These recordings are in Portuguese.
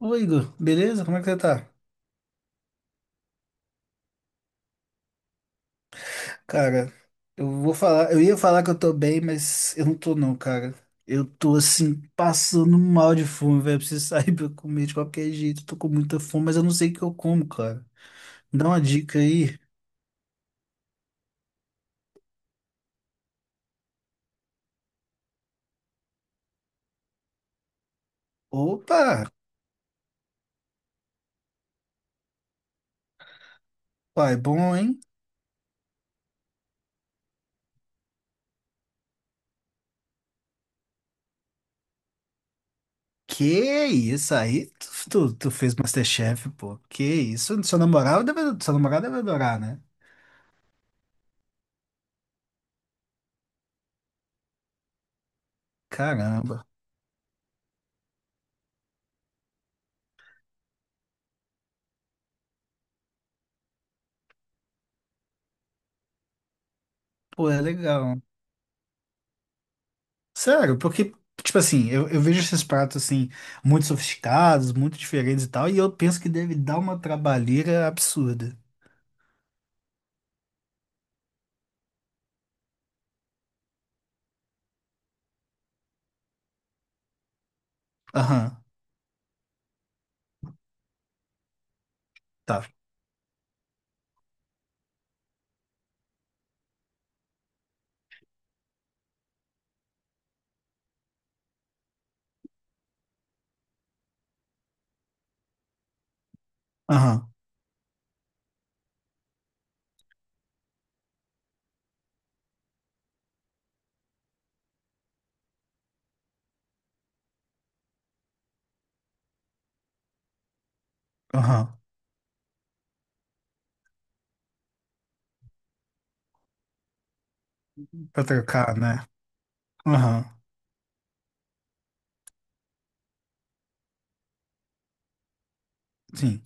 Oi, Igor, beleza? Como é que você tá? Cara, eu vou falar, eu ia falar que eu tô bem, mas eu não tô não, cara. Eu tô assim, passando mal de fome, velho. Preciso sair pra eu comer de qualquer jeito. Tô com muita fome, mas eu não sei o que eu como, cara. Me dá uma dica aí. Opa, pai, bom, hein? Que isso aí? Tu fez MasterChef, pô. Que isso? Seu namorado deve adorar, né? Caramba. Pô, é legal. Sério, porque, tipo assim, eu vejo esses pratos, assim, muito sofisticados, muito diferentes e tal, e eu penso que deve dar uma trabalheira absurda. Aham, tá. Aham, aham. Pra trocar, né? Aham, sim.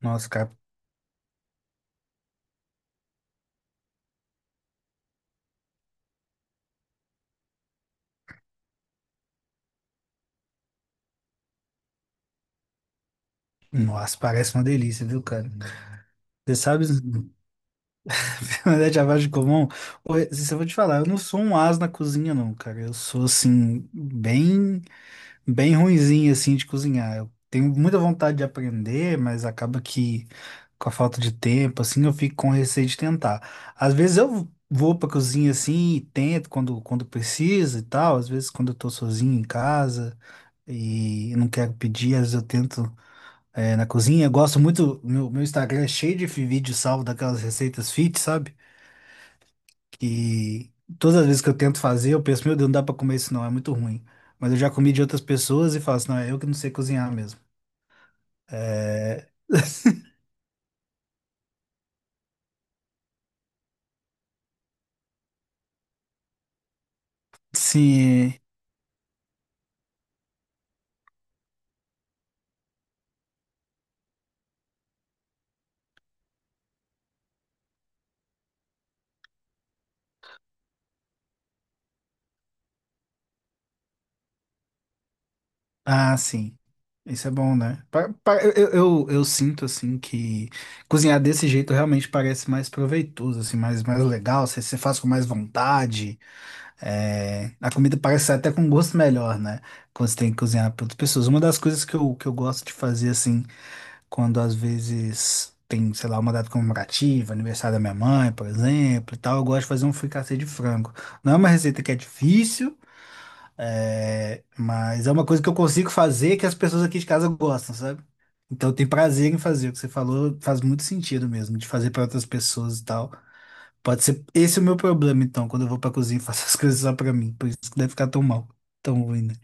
Nossa, cara. Nossa, parece uma delícia, viu, cara? Você sabe, na verdade, a vagem comum, ô, se eu vou te falar, eu não sou um ás na cozinha, não, cara. Eu sou, assim, bem. Bem ruinzinho assim de cozinhar. Eu tenho muita vontade de aprender, mas acaba que com a falta de tempo assim eu fico com receio de tentar. Às vezes eu vou pra cozinha assim e tento quando precisa e tal, às vezes quando eu tô sozinho em casa e não quero pedir, às vezes eu tento na cozinha. Eu gosto muito, meu Instagram é cheio de vídeo salvo daquelas receitas fit, sabe? E todas as vezes que eu tento fazer, eu penso, meu Deus, não dá pra comer isso não, é muito ruim. Mas eu já comi de outras pessoas e falo assim, não, é eu que não sei cozinhar mesmo. É... Sim. Ah, sim. Isso é bom, né? Eu sinto, assim, que cozinhar desse jeito realmente parece mais proveitoso, assim, mais legal. Você faz com mais vontade. A comida parece sair até com gosto melhor, né? Quando você tem que cozinhar para outras pessoas. Uma das coisas que eu gosto de fazer, assim, quando às vezes tem, sei lá, uma data comemorativa, aniversário da minha mãe, por exemplo, e tal, eu gosto de fazer um fricassê de frango. Não é uma receita que é difícil, mas é uma coisa que eu consigo fazer que as pessoas aqui de casa gostam, sabe? Então eu tenho prazer em fazer. O que você falou faz muito sentido mesmo, de fazer para outras pessoas e tal. Pode ser esse é o meu problema, então, quando eu vou pra cozinha e faço as coisas só pra mim. Por isso que deve ficar tão mal, tão ruim, né?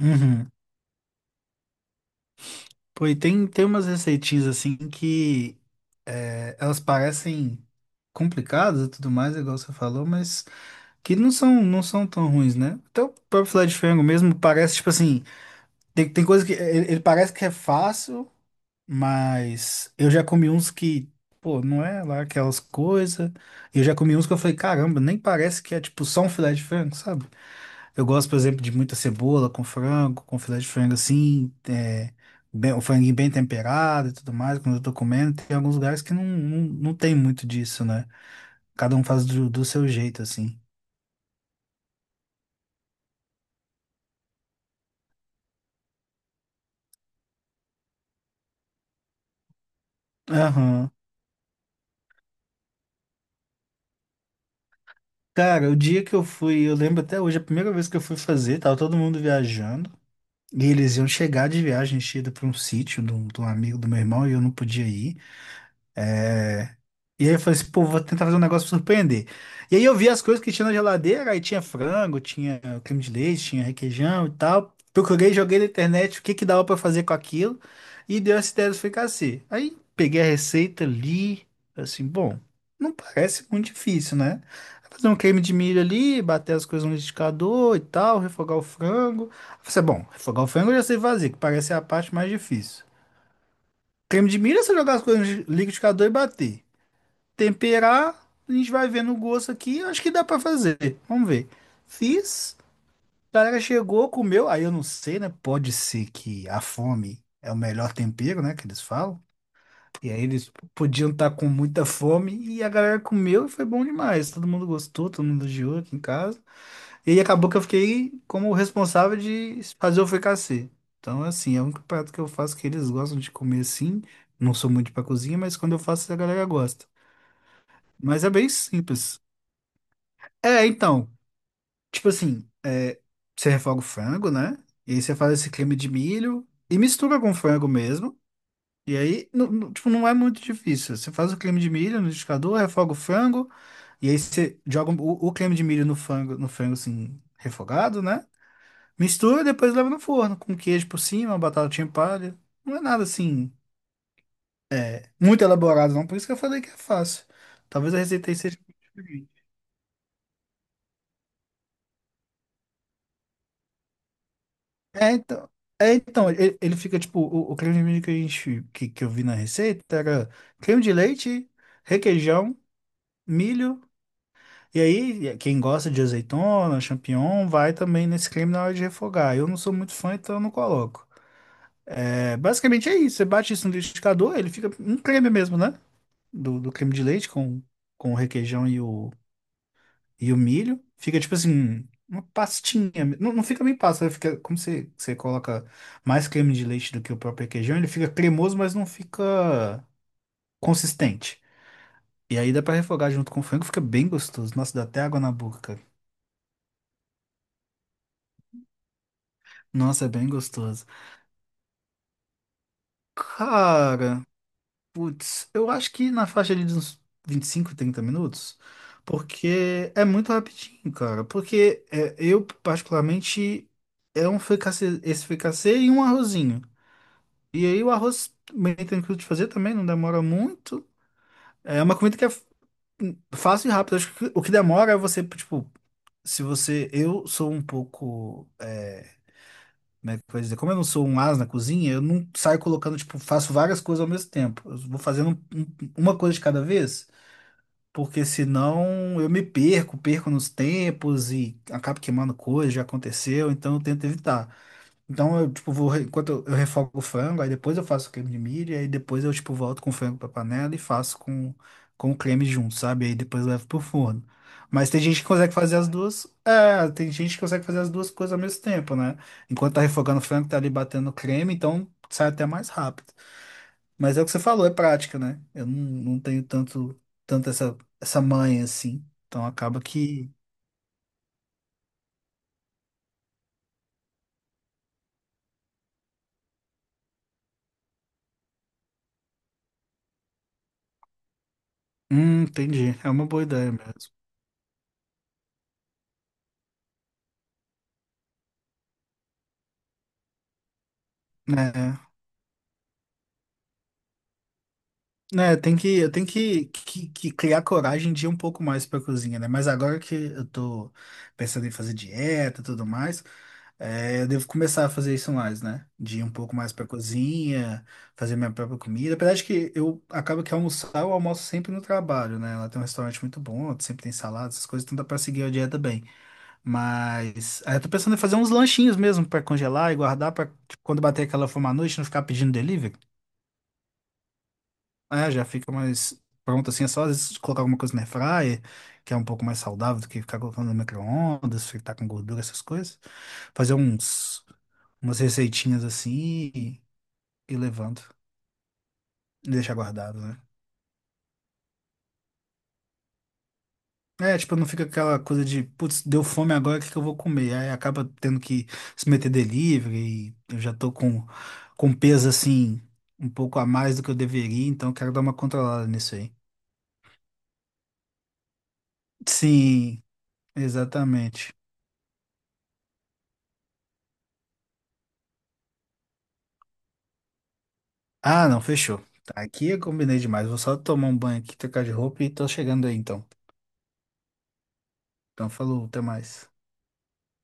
Uhum. Pô, e tem umas receitinhas assim que elas parecem complicadas e tudo mais, igual você falou, mas que não são tão ruins, né? Até o próprio filé de frango mesmo parece, tipo assim, tem coisa que ele parece que é fácil, mas eu já comi uns que, pô, não é lá aquelas coisas. Eu já comi uns que eu falei, caramba, nem parece que é tipo só um filé de frango, sabe? Eu gosto, por exemplo, de muita cebola com frango, com filé de frango assim, o franguinho bem temperado e tudo mais, quando eu tô comendo. Tem alguns lugares que não tem muito disso, né? Cada um faz do seu jeito, assim. Aham. Cara, o dia que eu fui, eu lembro até hoje, a primeira vez que eu fui fazer, tava todo mundo viajando. E eles iam chegar de viagem enchida pra um sítio de um amigo do meu irmão e eu não podia ir. É. E aí eu falei assim, pô, vou tentar fazer um negócio pra surpreender. E aí eu vi as coisas que tinha na geladeira, aí tinha frango, tinha creme de leite, tinha requeijão e tal. Procurei, joguei na internet o que que dava pra fazer com aquilo e deu essa ideia do fricassê. Aí peguei a receita, li, falei assim, bom, não parece muito difícil, né? Fazer um creme de milho ali, bater as coisas no liquidificador e tal, refogar o frango. Eu Falei, assim, bom, refogar o frango eu já sei fazer, que parece a parte mais difícil. Creme de milho é você jogar as coisas no liquidificador e bater temperar, a gente vai vendo o gosto aqui, eu acho que dá pra fazer. Vamos ver. Fiz, a galera chegou, comeu, aí eu não sei, né? Pode ser que a fome é o melhor tempero, né, que eles falam. E aí eles podiam estar com muita fome e a galera comeu e foi bom demais. Todo mundo gostou, todo mundo elogiou aqui em casa. E aí acabou que eu fiquei como responsável de fazer o fricassê. Então, assim, é o único prato que eu faço que eles gostam de comer assim. Não sou muito pra cozinha, mas quando eu faço, a galera gosta. Mas é bem simples. É, então, tipo assim, é, você refoga o frango, né? E aí você faz esse creme de milho e mistura com frango mesmo. E aí, tipo, não é muito difícil. Você faz o creme de milho no liquidificador, refoga o frango, e aí você joga o creme de milho no frango, assim, refogado, né? Mistura e depois leva no forno, com queijo por cima, uma batatinha palha. Não é nada assim muito elaborado, não. Por isso que eu falei que é fácil. Talvez a receita aí seja um pouco diferente. É, então, é, então ele fica tipo, o creme de milho que a gente, que eu vi na receita era creme de leite, requeijão, milho, e aí quem gosta de azeitona, champignon, vai também nesse creme na hora de refogar. Eu não sou muito fã, então eu não coloco. É, basicamente é isso, você bate isso no liquidificador, ele fica um creme mesmo, né? Do creme de leite com o requeijão e o milho. Fica tipo assim, uma pastinha. Não, não fica bem pasta, né? Fica como você coloca mais creme de leite do que o próprio requeijão, ele fica cremoso, mas não fica consistente. E aí dá pra refogar junto com o frango, fica bem gostoso. Nossa, dá até água na boca, cara. Nossa, é bem gostoso. Cara, putz, eu acho que na faixa ali de uns 25 30 minutos, porque é muito rapidinho, cara. Porque é, eu, particularmente, é um fricassê, esse fricassê e um arrozinho. E aí o arroz bem tranquilo de fazer também, não demora muito. É uma comida que é fácil e rápida. Acho que o que demora é você, tipo, se você. Eu sou um pouco. Como é que eu vou dizer? Como eu não sou um as na cozinha, eu não saio colocando, tipo, faço várias coisas ao mesmo tempo. Eu vou fazendo uma coisa de cada vez, porque senão eu me perco, perco nos tempos e acabo queimando coisa, já aconteceu, então eu tento evitar. Então eu, tipo, enquanto eu refogo o frango, aí depois eu faço o creme de milho, aí depois eu, tipo, volto com o frango pra panela e faço com o creme junto, sabe? Aí depois eu levo pro forno. Mas tem gente que consegue fazer as duas, é, tem gente que consegue fazer as duas coisas ao mesmo tempo, né? Enquanto tá refogando o frango, tá ali batendo o creme, então sai até mais rápido. Mas é o que você falou, é prática, né? Eu não tenho tanto, tanto essa, essa manha assim. Então acaba que, entendi. É uma boa ideia mesmo. Né, né, tem que, eu tenho que, que criar coragem de ir um pouco mais pra cozinha, né? Mas agora que eu tô pensando em fazer dieta e tudo mais, é, eu devo começar a fazer isso mais, né? De ir um pouco mais pra cozinha, fazer minha própria comida. Apesar de que eu acabo que almoçar, eu almoço sempre no trabalho, né? Lá tem um restaurante muito bom, sempre tem salada, essas coisas, então dá pra seguir a dieta bem. Mas aí eu tô pensando em fazer uns lanchinhos mesmo pra congelar e guardar pra tipo, quando bater aquela fome à noite, não ficar pedindo delivery. É, já fica mais pronto assim. É só às vezes colocar alguma coisa na air fryer, que é um pouco mais saudável do que ficar colocando no micro-ondas, fritar com gordura, essas coisas. Fazer uns, umas receitinhas assim e, e levando. E deixar guardado, né? É, tipo, não fica aquela coisa de, putz, deu fome agora, o que que eu vou comer? Aí acaba tendo que se meter delivery e eu já tô com peso assim, um pouco a mais do que eu deveria, então eu quero dar uma controlada nisso aí. Sim, exatamente. Ah, não, fechou. Tá, aqui eu combinei demais. Vou só tomar um banho aqui, trocar de roupa e tô chegando aí então. Então, falou, até mais.